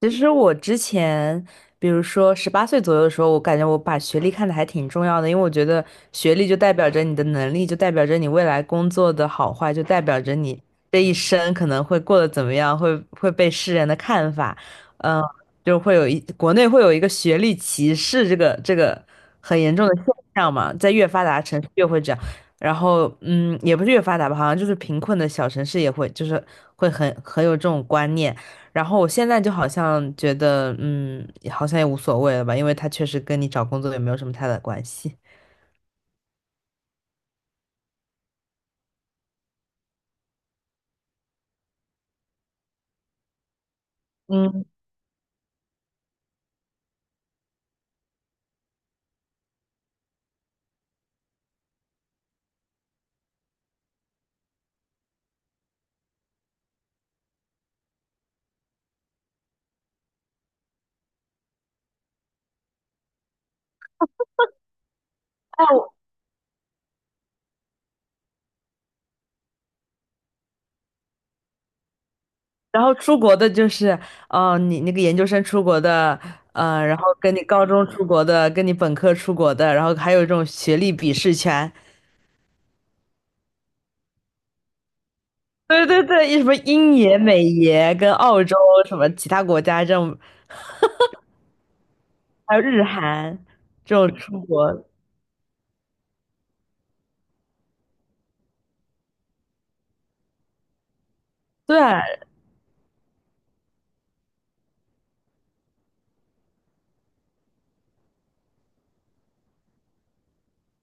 其实我之前，比如说十八岁左右的时候，我感觉我把学历看得还挺重要的，因为我觉得学历就代表着你的能力，就代表着你未来工作的好坏，就代表着你这一生可能会过得怎么样，会被世人的看法，嗯，就会有一国内会有一个学历歧视这个很严重的现象嘛，在越发达城市越会这样，然后也不是越发达吧，好像就是贫困的小城市也会，就是会很有这种观念。然后我现在就好像觉得，好像也无所谓了吧，因为他确实跟你找工作也没有什么太大的关系。嗯，然后出国的就是，哦、你那个研究生出国的，然后跟你高中出国的，跟你本科出国的，然后还有这种学历鄙视权。对对对，一什么英爷、美爷跟澳洲什么其他国家这种，还有日韩这种出国，对，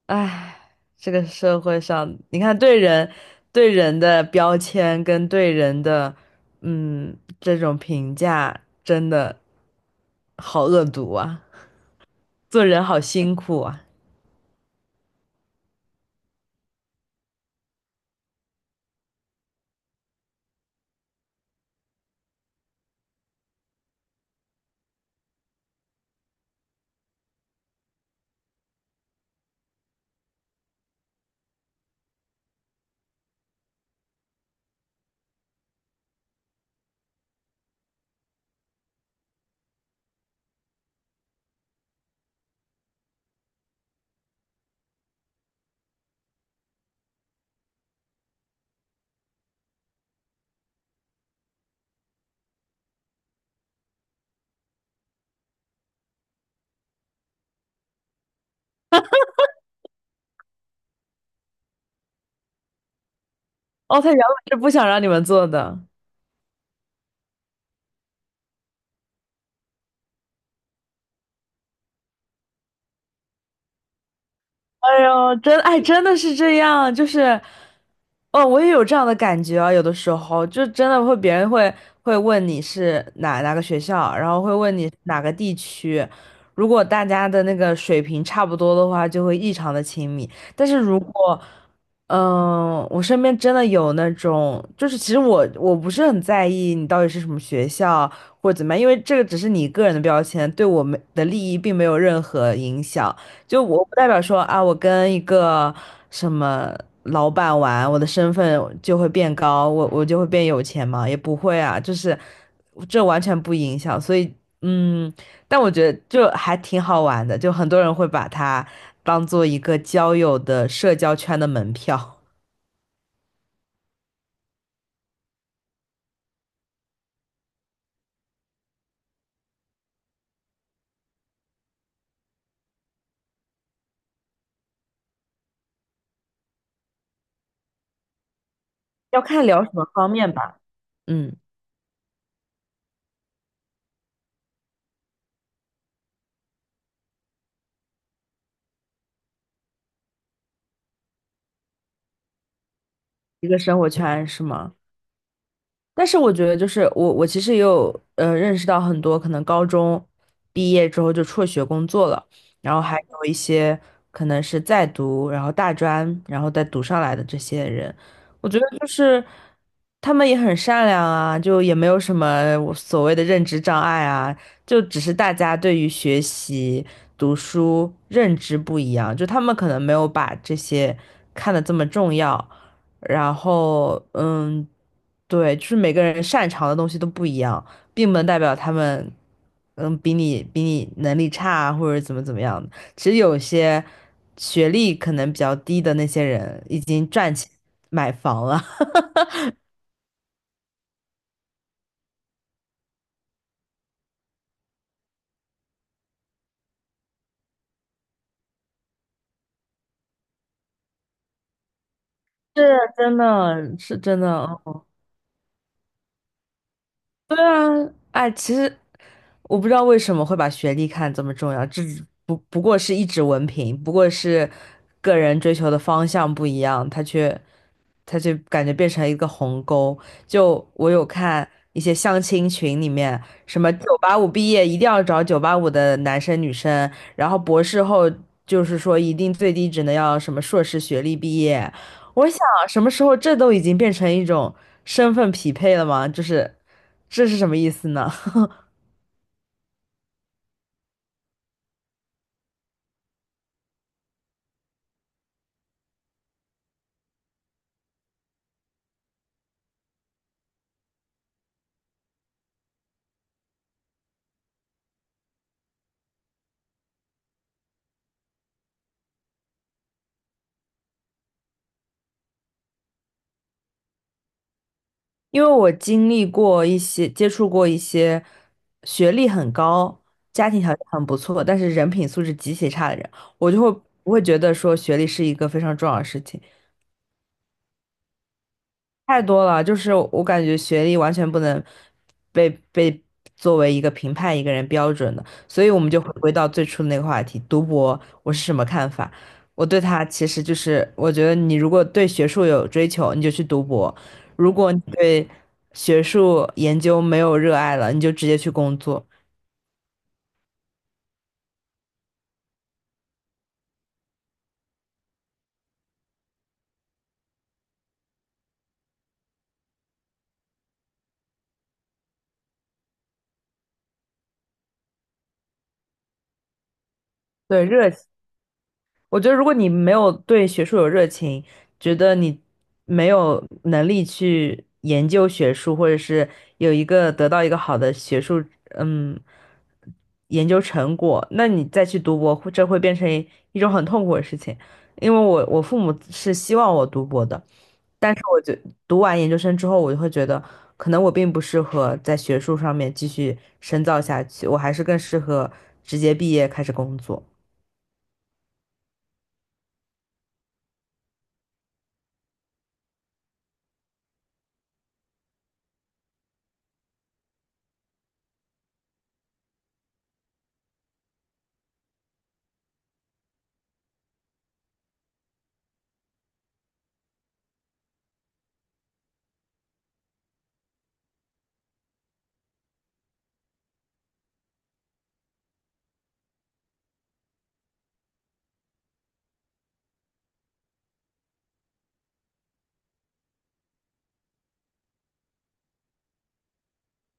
唉，这个社会上，你看对人的标签跟对人的嗯这种评价，真的好恶毒啊！做人好辛苦啊！哦，他原本是不想让你们做的。哎呦，真哎，真的是这样，就是，哦，我也有这样的感觉啊，有的时候就真的会，别人会会问你是哪个学校，然后会问你哪个地区，如果大家的那个水平差不多的话，就会异常的亲密。但是如果，嗯、我身边真的有那种，就是其实我不是很在意你到底是什么学校或者怎么样，因为这个只是你个人的标签，对我们的利益并没有任何影响。就我不代表说啊，我跟一个什么老板玩，我的身份就会变高，我就会变有钱嘛，也不会啊，就是这完全不影响。所以，嗯，但我觉得就还挺好玩的，就很多人会把它当做一个交友的社交圈的门票，要看聊什么方面吧。嗯，一个生活圈是吗？但是我觉得，就是我其实也有认识到很多可能高中毕业之后就辍学工作了，然后还有一些可能是在读，然后大专，然后再读上来的这些人，我觉得就是他们也很善良啊，就也没有什么我所谓的认知障碍啊，就只是大家对于学习、读书认知不一样，就他们可能没有把这些看得这么重要。然后，嗯。对，就是每个人擅长的东西都不一样，并不能代表他们，嗯，比你能力差啊或者怎么样的。其实有些学历可能比较低的那些人，已经赚钱买房了，是真的，是真的。对啊，哎，其实。我不知道为什么会把学历看这么重要，这只不过是一纸文凭，不过是个人追求的方向不一样，他就感觉变成一个鸿沟。就我有看一些相亲群里面，什么九八五毕业一定要找九八五的男生女生，然后博士后就是说一定最低只能要什么硕士学历毕业。我想什么时候这都已经变成一种身份匹配了吗？就是这是什么意思呢？因为我经历过一些，接触过一些学历很高、家庭条件很不错，但是人品素质极其差的人，我就会不会觉得说学历是一个非常重要的事情。太多了，就是我感觉学历完全不能被作为一个评判一个人标准的，所以我们就回归到最初的那个话题，读博我是什么看法？我对它其实就是，我觉得你如果对学术有追求，你就去读博；如果你对学术研究没有热爱了，你就直接去工作。对，热我觉得如果你没有对学术有热情，觉得你没有能力去研究学术，或者是有一个得到一个好的学术，嗯，研究成果，那你再去读博，会变成一种很痛苦的事情。因为我父母是希望我读博的，但是我就读完研究生之后，我就会觉得，可能我并不适合在学术上面继续深造下去，我还是更适合直接毕业开始工作。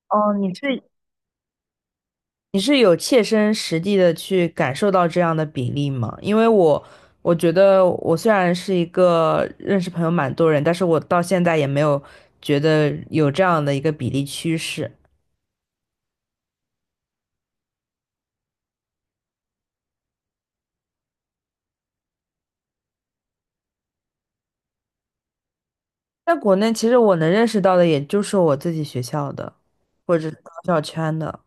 哦，你是有切身实地的去感受到这样的比例吗？因为我觉得我虽然是一个认识朋友蛮多人，但是我到现在也没有觉得有这样的一个比例趋势。在国内，其实我能认识到的也就是我自己学校的，或者是高校圈的。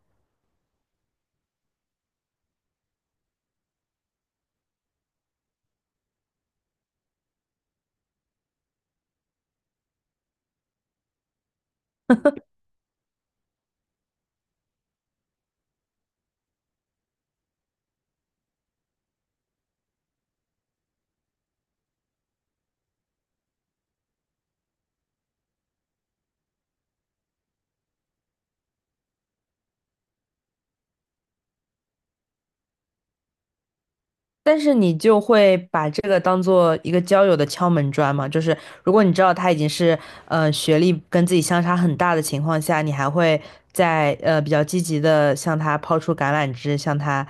但是你就会把这个当做一个交友的敲门砖嘛，就是如果你知道他已经是学历跟自己相差很大的情况下，你还会在比较积极的向他抛出橄榄枝，向他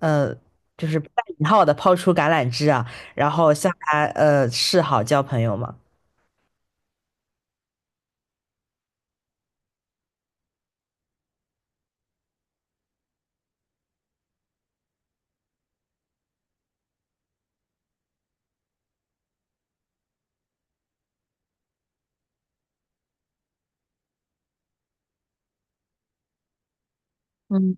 呃就是带引号的抛出橄榄枝啊，然后向他示好交朋友嘛。嗯。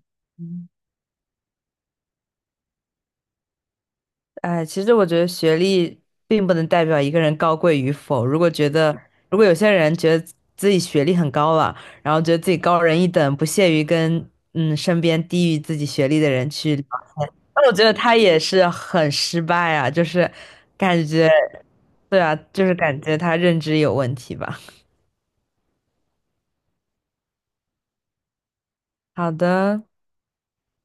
哎，其实我觉得学历并不能代表一个人高贵与否。如果觉得，如果有些人觉得自己学历很高了，然后觉得自己高人一等，不屑于跟嗯身边低于自己学历的人去聊那我觉得他也是很失败啊，就是感觉，对啊，就是感觉他认知有问题吧。好的。